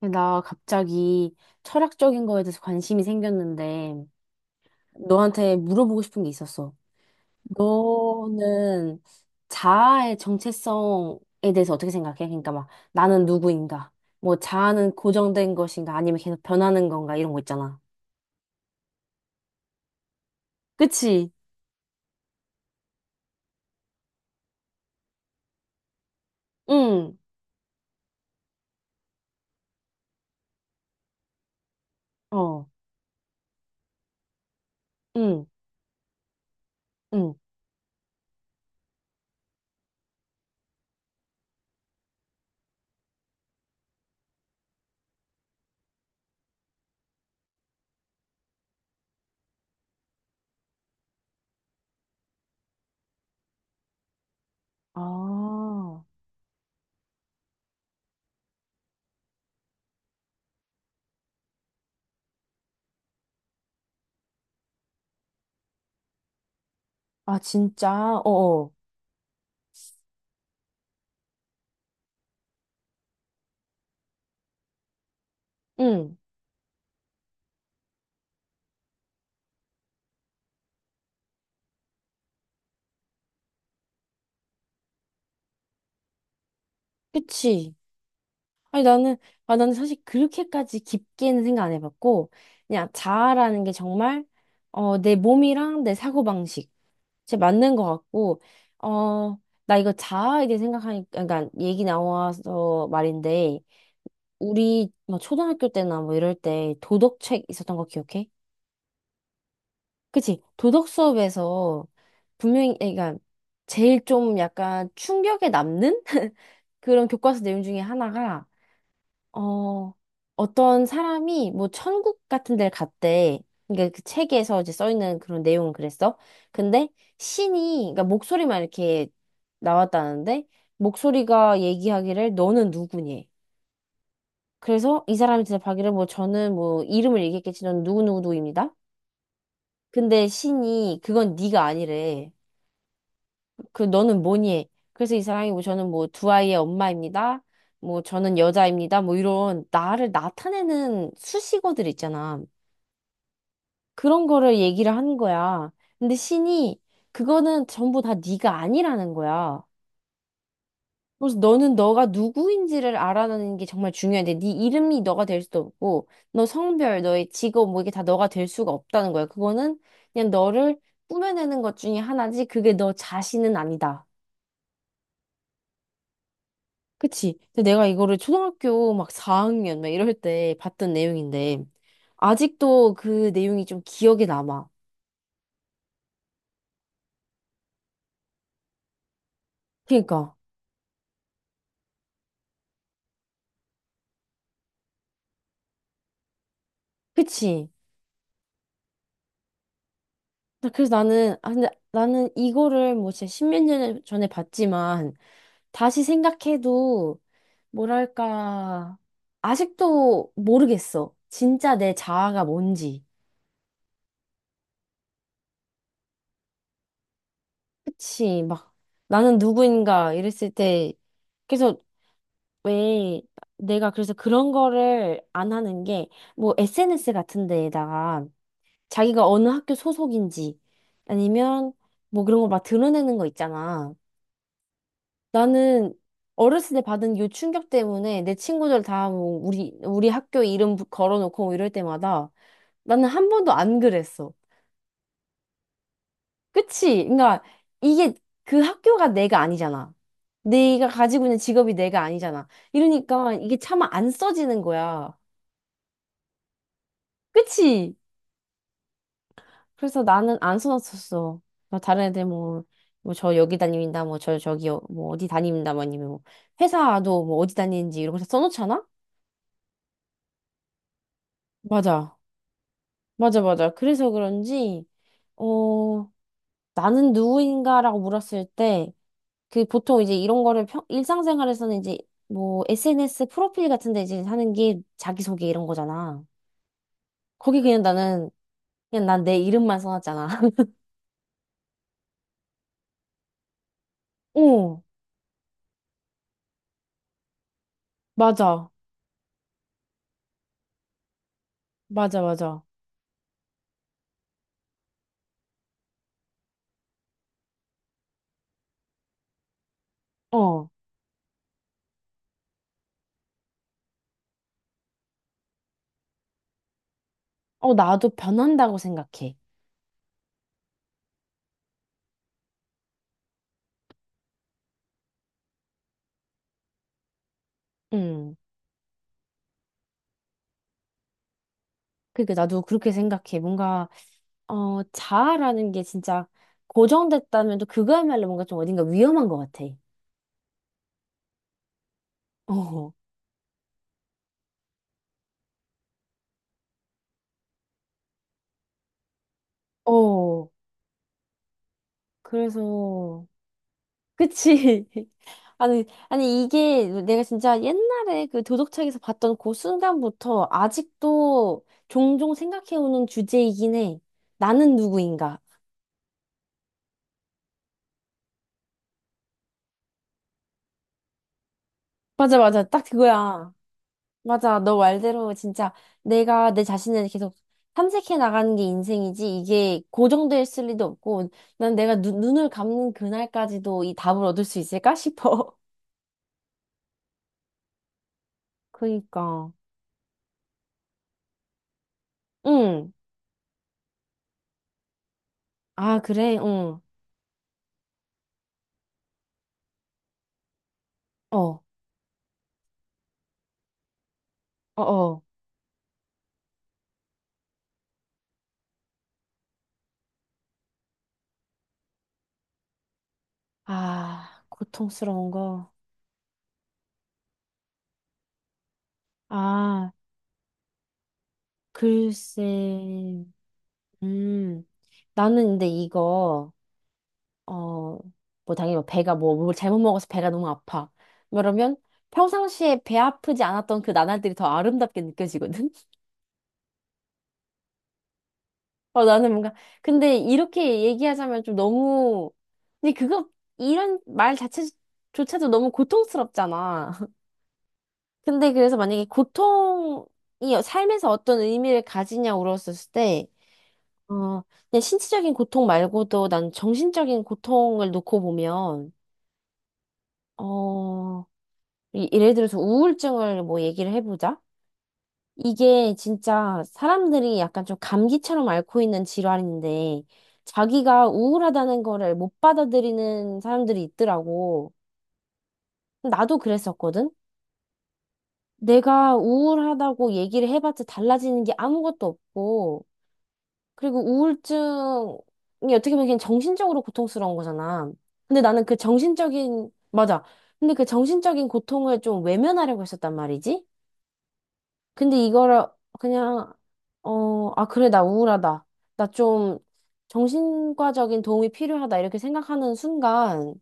나 갑자기 철학적인 거에 대해서 관심이 생겼는데, 너한테 물어보고 싶은 게 있었어. 너는 자아의 정체성에 대해서 어떻게 생각해? 그러니까 막, 나는 누구인가? 뭐, 자아는 고정된 것인가? 아니면 계속 변하는 건가? 이런 거 있잖아. 그치? 응, 어, 응, 응. 아, 아, 진짜? 어어. 응, 그치? 아니, 나는 사실 그렇게까지 깊게는 생각 안 해봤고, 그냥 자아라는 게 정말, 내 몸이랑 내 사고방식, 제 맞는 것 같고, 어, 나 이거 자아에 대해 생각하니까, 그러니까 얘기 나와서 말인데, 우리 뭐 초등학교 때나 뭐 이럴 때 도덕책 있었던 거 기억해? 그치? 도덕 수업에서 분명히, 그러니까 제일 좀 약간 충격에 남는 그런 교과서 내용 중에 하나가 어, 어떤 사람이 뭐 천국 같은 데를 갔대. 그러니까 그 책에서 이제 써 있는 그런 내용은 그랬어. 근데 신이, 그러니까 목소리만 이렇게 나왔다는데, 목소리가 얘기하기를 너는 누구니? 그래서 이 사람이 대답하기를 뭐 저는 뭐 이름을 얘기했겠지, 넌 누구누구누구입니다. 근데 신이 그건 네가 아니래. 그 너는 뭐니? 해? 그래서 이 사람이 뭐 저는 뭐 두 아이의 엄마입니다. 뭐 저는 여자입니다. 뭐 이런 나를 나타내는 수식어들 있잖아. 그런 거를 얘기를 하는 거야. 근데 신이 그거는 전부 다 네가 아니라는 거야. 그래서 너는 너가 누구인지를 알아내는 게 정말 중요한데 네 이름이 너가 될 수도 없고 너 성별, 너의 직업 뭐 이게 다 너가 될 수가 없다는 거야. 그거는 그냥 너를 꾸며내는 것 중에 하나지 그게 너 자신은 아니다. 그치? 근데 내가 이거를 초등학교 막 4학년 막 이럴 때 봤던 내용인데, 아직도 그 내용이 좀 기억에 남아. 그니까. 그치? 그래서 근데 나는 이거를 뭐 진짜 십몇 년 전에 봤지만, 다시 생각해도, 뭐랄까, 아직도 모르겠어. 진짜 내 자아가 뭔지. 그치? 막, 나는 누구인가 이랬을 때, 그래서 왜 내가 그래서 그런 거를 안 하는 게 뭐 SNS 같은 데에다가 자기가 어느 학교 소속인지 아니면 뭐 그런 거 막 드러내는 거 있잖아. 나는 어렸을 때 받은 요 충격 때문에 내 친구들 다 뭐 우리 학교 이름 걸어놓고 뭐 이럴 때마다 나는 한 번도 안 그랬어. 그치? 그러니까 이게 그 학교가 내가 아니잖아. 내가 가지고 있는 직업이 내가 아니잖아. 이러니까 이게 차마 안 써지는 거야. 그치? 그래서 나는 안 써놨었어. 막 다른 애들 뭐, 뭐 저 여기 다닙니다. 뭐 저 저기 뭐 어디 다닙니다. 뭐 아니면 뭐 회사도 뭐 어디 다니는지 이런 거 다 써놓잖아? 맞아. 맞아, 맞아. 그래서 그런지, 어, 나는 누구인가라고 물었을 때, 그 보통 이제 이런 거를 일상생활에서는 이제 뭐 SNS 프로필 같은 데 이제 하는 게 자기소개 이런 거잖아. 거기 그냥 난 내 이름만 써놨잖아. 어, 맞아. 맞아, 맞아. 어. 어, 나도 변한다고 생각해. 음. 그러니까 나도 그렇게 생각해. 뭔가, 자아라는 게 진짜 고정됐다면 또 그거야말로 뭔가 좀 어딘가 위험한 것 같아. 어, 어. 그래서, 그치. 아니, 아니, 이게 내가 진짜 옛날에 그 도덕책에서 봤던 그 순간부터 아직도 종종 생각해오는 주제이긴 해. 나는 누구인가? 맞아, 맞아. 딱 그거야. 맞아. 너 말대로 진짜 내가 내 자신을 계속 탐색해 나가는 게 인생이지 이게 고정될 있을 리도 없고 난 내가 눈을 감는 그날까지도 이 답을 얻을 수 있을까 싶어. 그니까. 응. 아, 그래? 응. 어. 어, 어. 아, 고통스러운 거. 아, 글쎄. 음. 나는 근데 이거 어, 뭐 당연히 뭐 배가 뭐 뭘 잘못 먹어서 배가 너무 아파. 그러면 평상시에 배 아프지 않았던 그 나날들이 더 아름답게 느껴지거든. 어, 나는 뭔가 근데 이렇게 얘기하자면 좀 너무 근데 그거 이런 말 자체조차도 너무 고통스럽잖아. 근데 그래서 만약에 고통이 삶에서 어떤 의미를 가지냐 물었었을 때 어, 그냥 신체적인 고통 말고도 난 정신적인 고통을 놓고 보면 어 예를 들어서 우울증을 뭐 얘기를 해보자. 이게 진짜 사람들이 약간 좀 감기처럼 앓고 있는 질환인데 자기가 우울하다는 거를 못 받아들이는 사람들이 있더라고. 나도 그랬었거든. 내가 우울하다고 얘기를 해봤자 달라지는 게 아무것도 없고 그리고 우울증이 어떻게 보면 그냥 정신적으로 고통스러운 거잖아. 근데 나는 그 정신적인 맞아. 근데 그 정신적인 고통을 좀 외면하려고 했었단 말이지. 근데 이거를 그냥, 아, 그래, 나 우울하다. 나 좀 정신과적인 도움이 필요하다. 이렇게 생각하는 순간,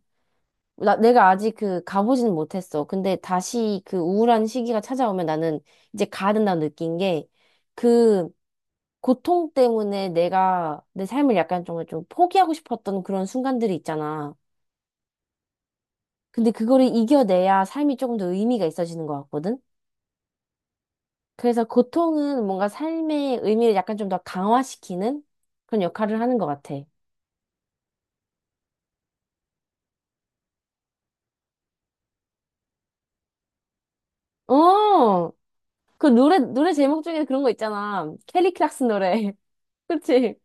내가 아직 그 가보지는 못했어. 근데 다시 그 우울한 시기가 찾아오면 나는 이제 가야 된다고 느낀 게, 그 고통 때문에 내가 내 삶을 약간 정말 좀 포기하고 싶었던 그런 순간들이 있잖아. 근데 그거를 이겨내야 삶이 조금 더 의미가 있어지는 것 같거든? 그래서 고통은 뭔가 삶의 의미를 약간 좀 더 강화시키는 그런 역할을 하는 것 같아. 어, 그 노래 제목 중에 그런 거 있잖아. 켈리클락스 노래. 그치?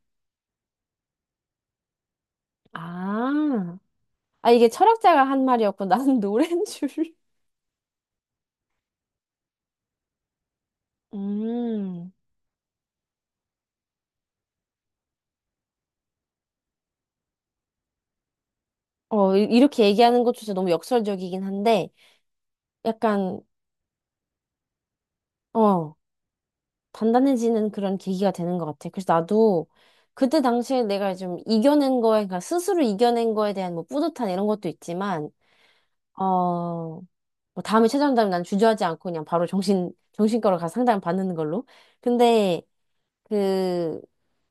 아, 아, 이게 철학자가 한 말이었고, 나는 노래인 줄. 음, 이렇게 얘기하는 것조차 너무 역설적이긴 한데, 약간, 어, 단단해지는 그런 계기가 되는 것 같아. 그래서 나도 그때 당시에 내가 좀 이겨낸 거에, 그러니까 스스로 이겨낸 거에 대한 뭐 뿌듯한 이런 것도 있지만, 어, 뭐 다음에 찾아온다면 난 주저하지 않고 그냥 바로 정신과로 가서 상담 받는 걸로. 근데, 그,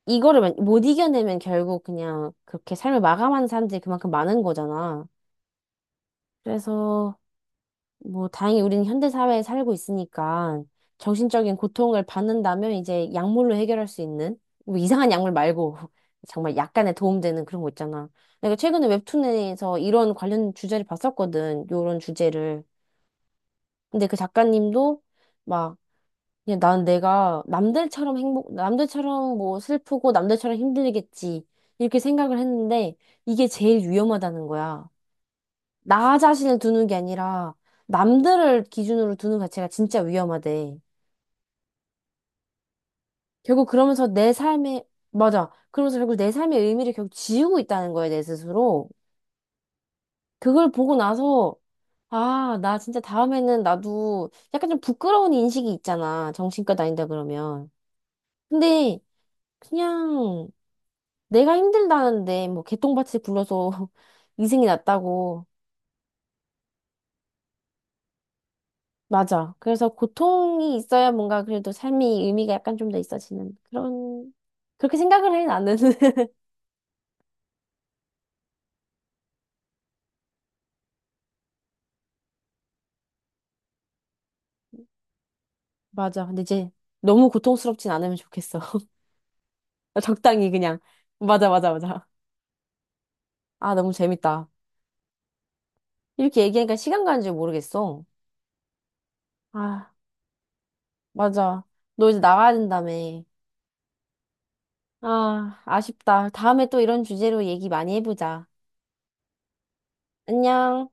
이거를 못 이겨내면 결국 그냥 그렇게 삶을 마감하는 사람들이 그만큼 많은 거잖아. 그래서, 뭐, 다행히 우리는 현대사회에 살고 있으니까 정신적인 고통을 받는다면 이제 약물로 해결할 수 있는, 뭐 이상한 약물 말고 정말 약간의 도움되는 그런 거 있잖아. 내가 최근에 웹툰에서 이런 관련 주제를 봤었거든. 요런 주제를. 근데 그 작가님도 막 그냥 난 내가 남들처럼 행복, 남들처럼 뭐 슬프고 남들처럼 힘들겠지. 이렇게 생각을 했는데 이게 제일 위험하다는 거야. 나 자신을 두는 게 아니라 남들을 기준으로 두는 자체가 진짜 위험하대. 결국 그러면서 내 삶에, 맞아. 그러면서 결국 내 삶의 의미를 결국 지우고 있다는 거야, 내 스스로. 그걸 보고 나서 아, 나 진짜 다음에는 나도 약간 좀 부끄러운 인식이 있잖아. 정신과 다닌다 그러면. 근데 그냥 내가 힘들다는데 뭐 개똥밭을 굴러서 이승이 났다고. 맞아. 그래서 고통이 있어야 뭔가 그래도 삶이 의미가 약간 좀 더 있어지는 그런 그렇게 생각을 해 나는. 맞아. 근데 이제 너무 고통스럽진 않으면 좋겠어. 적당히 그냥. 맞아, 맞아, 맞아. 아, 너무 재밌다. 이렇게 얘기하니까 시간 가는 줄 모르겠어. 아, 맞아. 너 이제 나가야 된다며. 아, 아쉽다. 다음에 또 이런 주제로 얘기 많이 해보자. 안녕.